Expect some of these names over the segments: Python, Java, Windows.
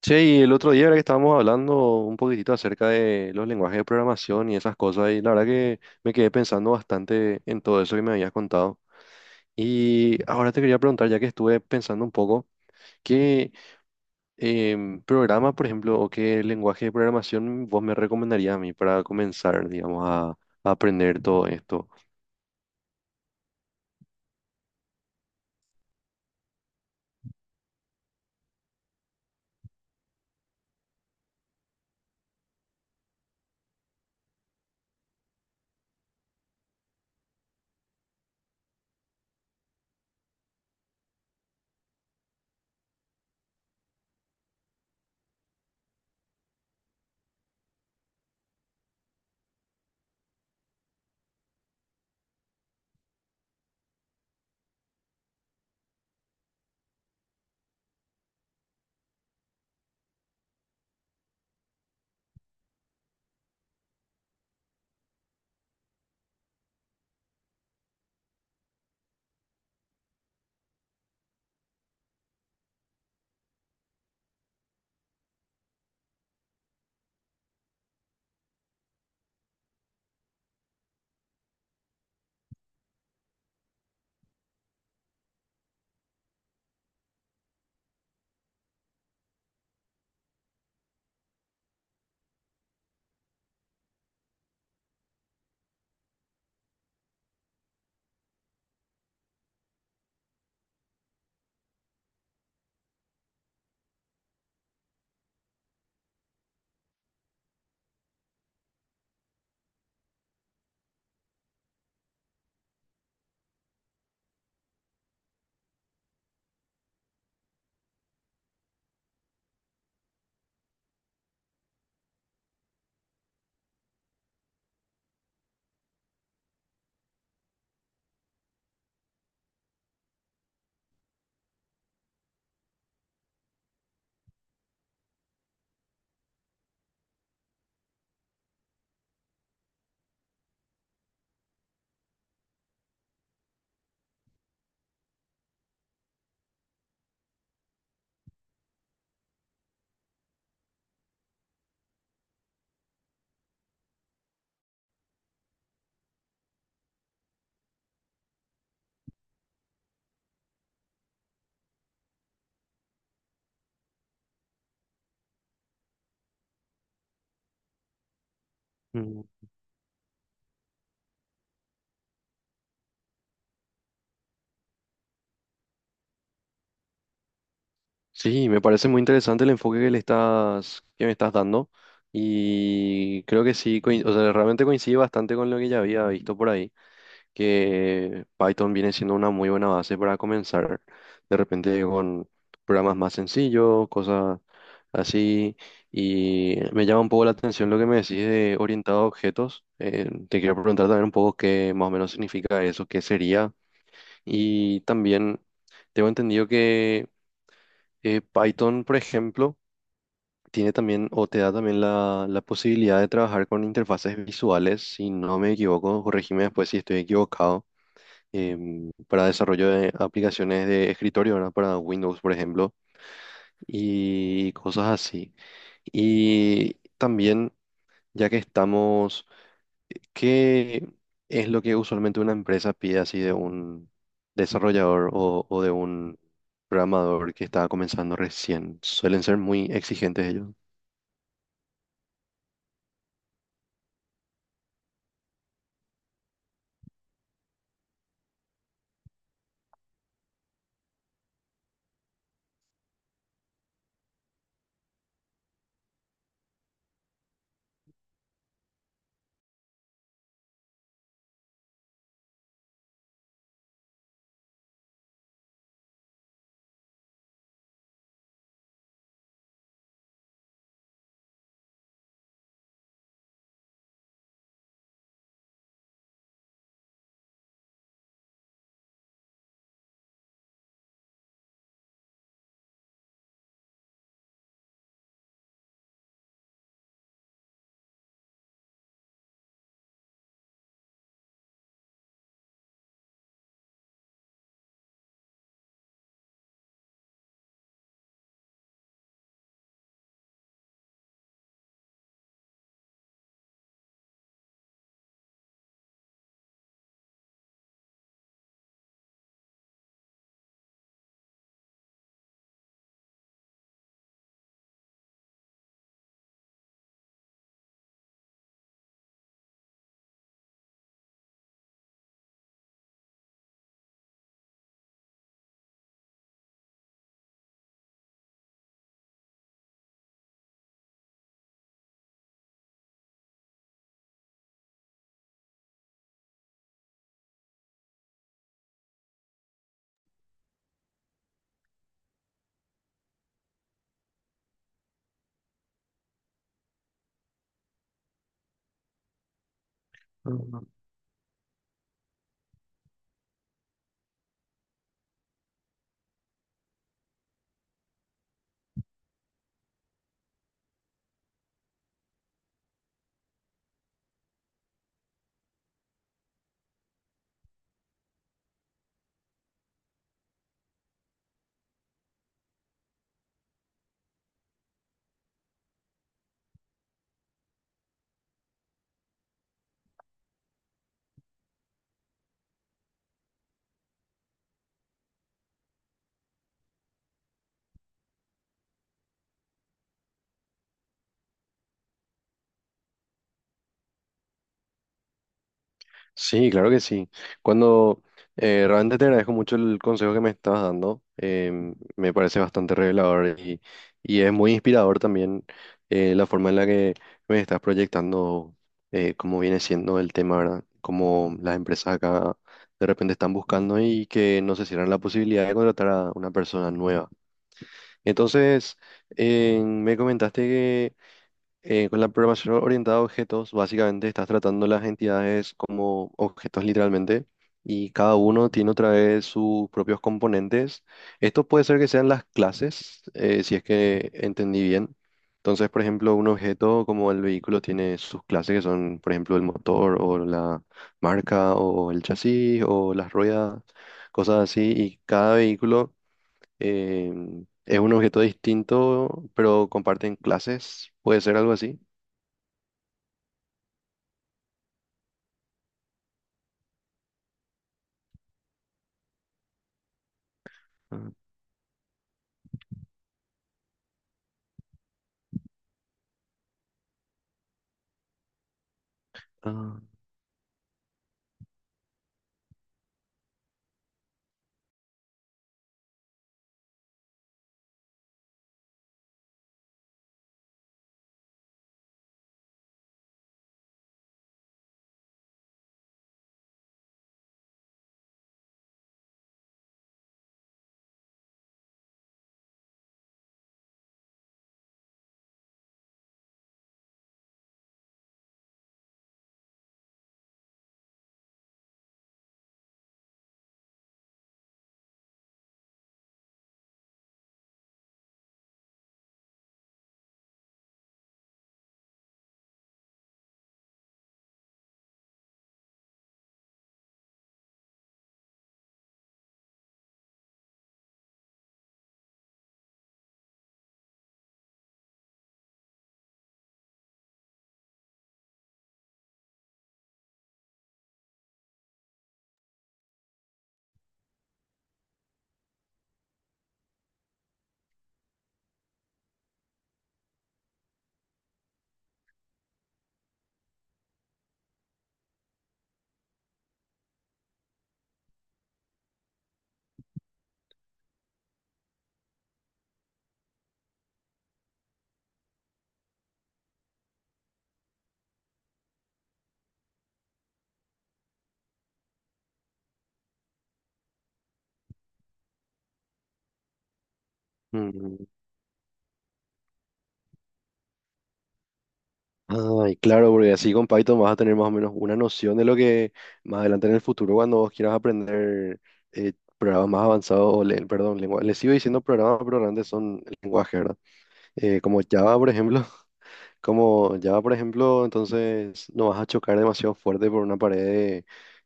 Che, y el otro día era que estábamos hablando un poquitito acerca de los lenguajes de programación y esas cosas, y la verdad que me quedé pensando bastante en todo eso que me habías contado. Y ahora te quería preguntar, ya que estuve pensando un poco, ¿qué programa, por ejemplo, o qué lenguaje de programación vos me recomendarías a mí para comenzar, digamos, a aprender todo esto? Mm. Sí, me parece muy interesante el enfoque que que me estás dando. Y creo que sí, o sea, realmente coincide bastante con lo que ya había visto por ahí, que Python viene siendo una muy buena base para comenzar de repente con programas más sencillos, cosas así. Y me llama un poco la atención lo que me decís de orientado a objetos. Te quiero preguntar también un poco qué más o menos significa eso, qué sería. Y también tengo entendido que Python, por ejemplo, tiene también o te da también la posibilidad de trabajar con interfaces visuales, si no me equivoco, corregime después si estoy equivocado, para desarrollo de aplicaciones de escritorio, ¿verdad? Para Windows, por ejemplo, y cosas así. Y también, ya que estamos, ¿qué es lo que usualmente una empresa pide así de un desarrollador o de un programador que está comenzando recién? ¿Suelen ser muy exigentes ellos? Sí, claro que sí. Cuando realmente te agradezco mucho el consejo que me estás dando. Em, me parece bastante revelador y es muy inspirador también la forma en la que me estás proyectando cómo viene siendo el tema, ¿verdad? Cómo las empresas acá de repente están buscando y que no se cierran la posibilidad de contratar a una persona nueva. Entonces, me comentaste, con la programación orientada a objetos, básicamente estás tratando las entidades como objetos literalmente, y cada uno tiene otra vez sus propios componentes. Esto puede ser que sean las clases, si es que entendí bien. Entonces, por ejemplo, un objeto como el vehículo tiene sus clases que son, por ejemplo, el motor o la marca o el chasis o las ruedas, cosas así. Y cada vehículo eh, es un objeto distinto, pero comparten clases. ¿Puede ser algo así? Ah, ah, mm. Ay, claro, porque así con Python vas a tener más o menos una noción de lo que más adelante en el futuro, cuando vos quieras aprender programas más avanzados, o perdón, lengua, les sigo diciendo programas, pero realmente son lenguaje, ¿verdad? Como Java, por ejemplo, como Java, por ejemplo, entonces no vas a chocar demasiado fuerte por una pared de,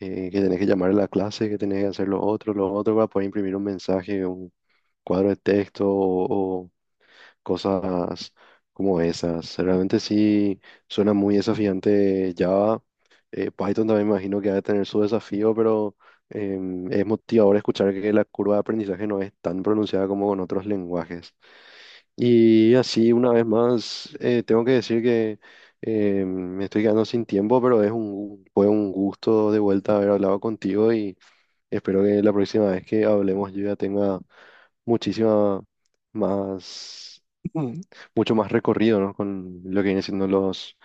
que tenés que llamar a la clase, que tenés que hacer lo otro, para poder imprimir un mensaje, un cuadro de texto o cosas como esas. Realmente sí suena muy desafiante Java. Python también me imagino que debe tener su desafío, pero es motivador escuchar que la curva de aprendizaje no es tan pronunciada como con otros lenguajes. Y así, una vez más, tengo que decir que em, me estoy quedando sin tiempo, pero es un, fue un gusto de vuelta haber hablado contigo, y espero que la próxima vez que hablemos yo ya tenga muchísima más, mm, mucho más recorrido, ¿no? Con lo que vienen siendo los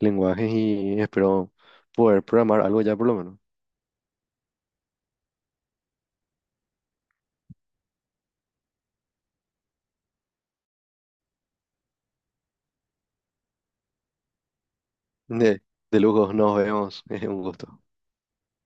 lenguajes, y espero poder programar algo ya por lo menos. De, de lujo, nos vemos. Es un gusto.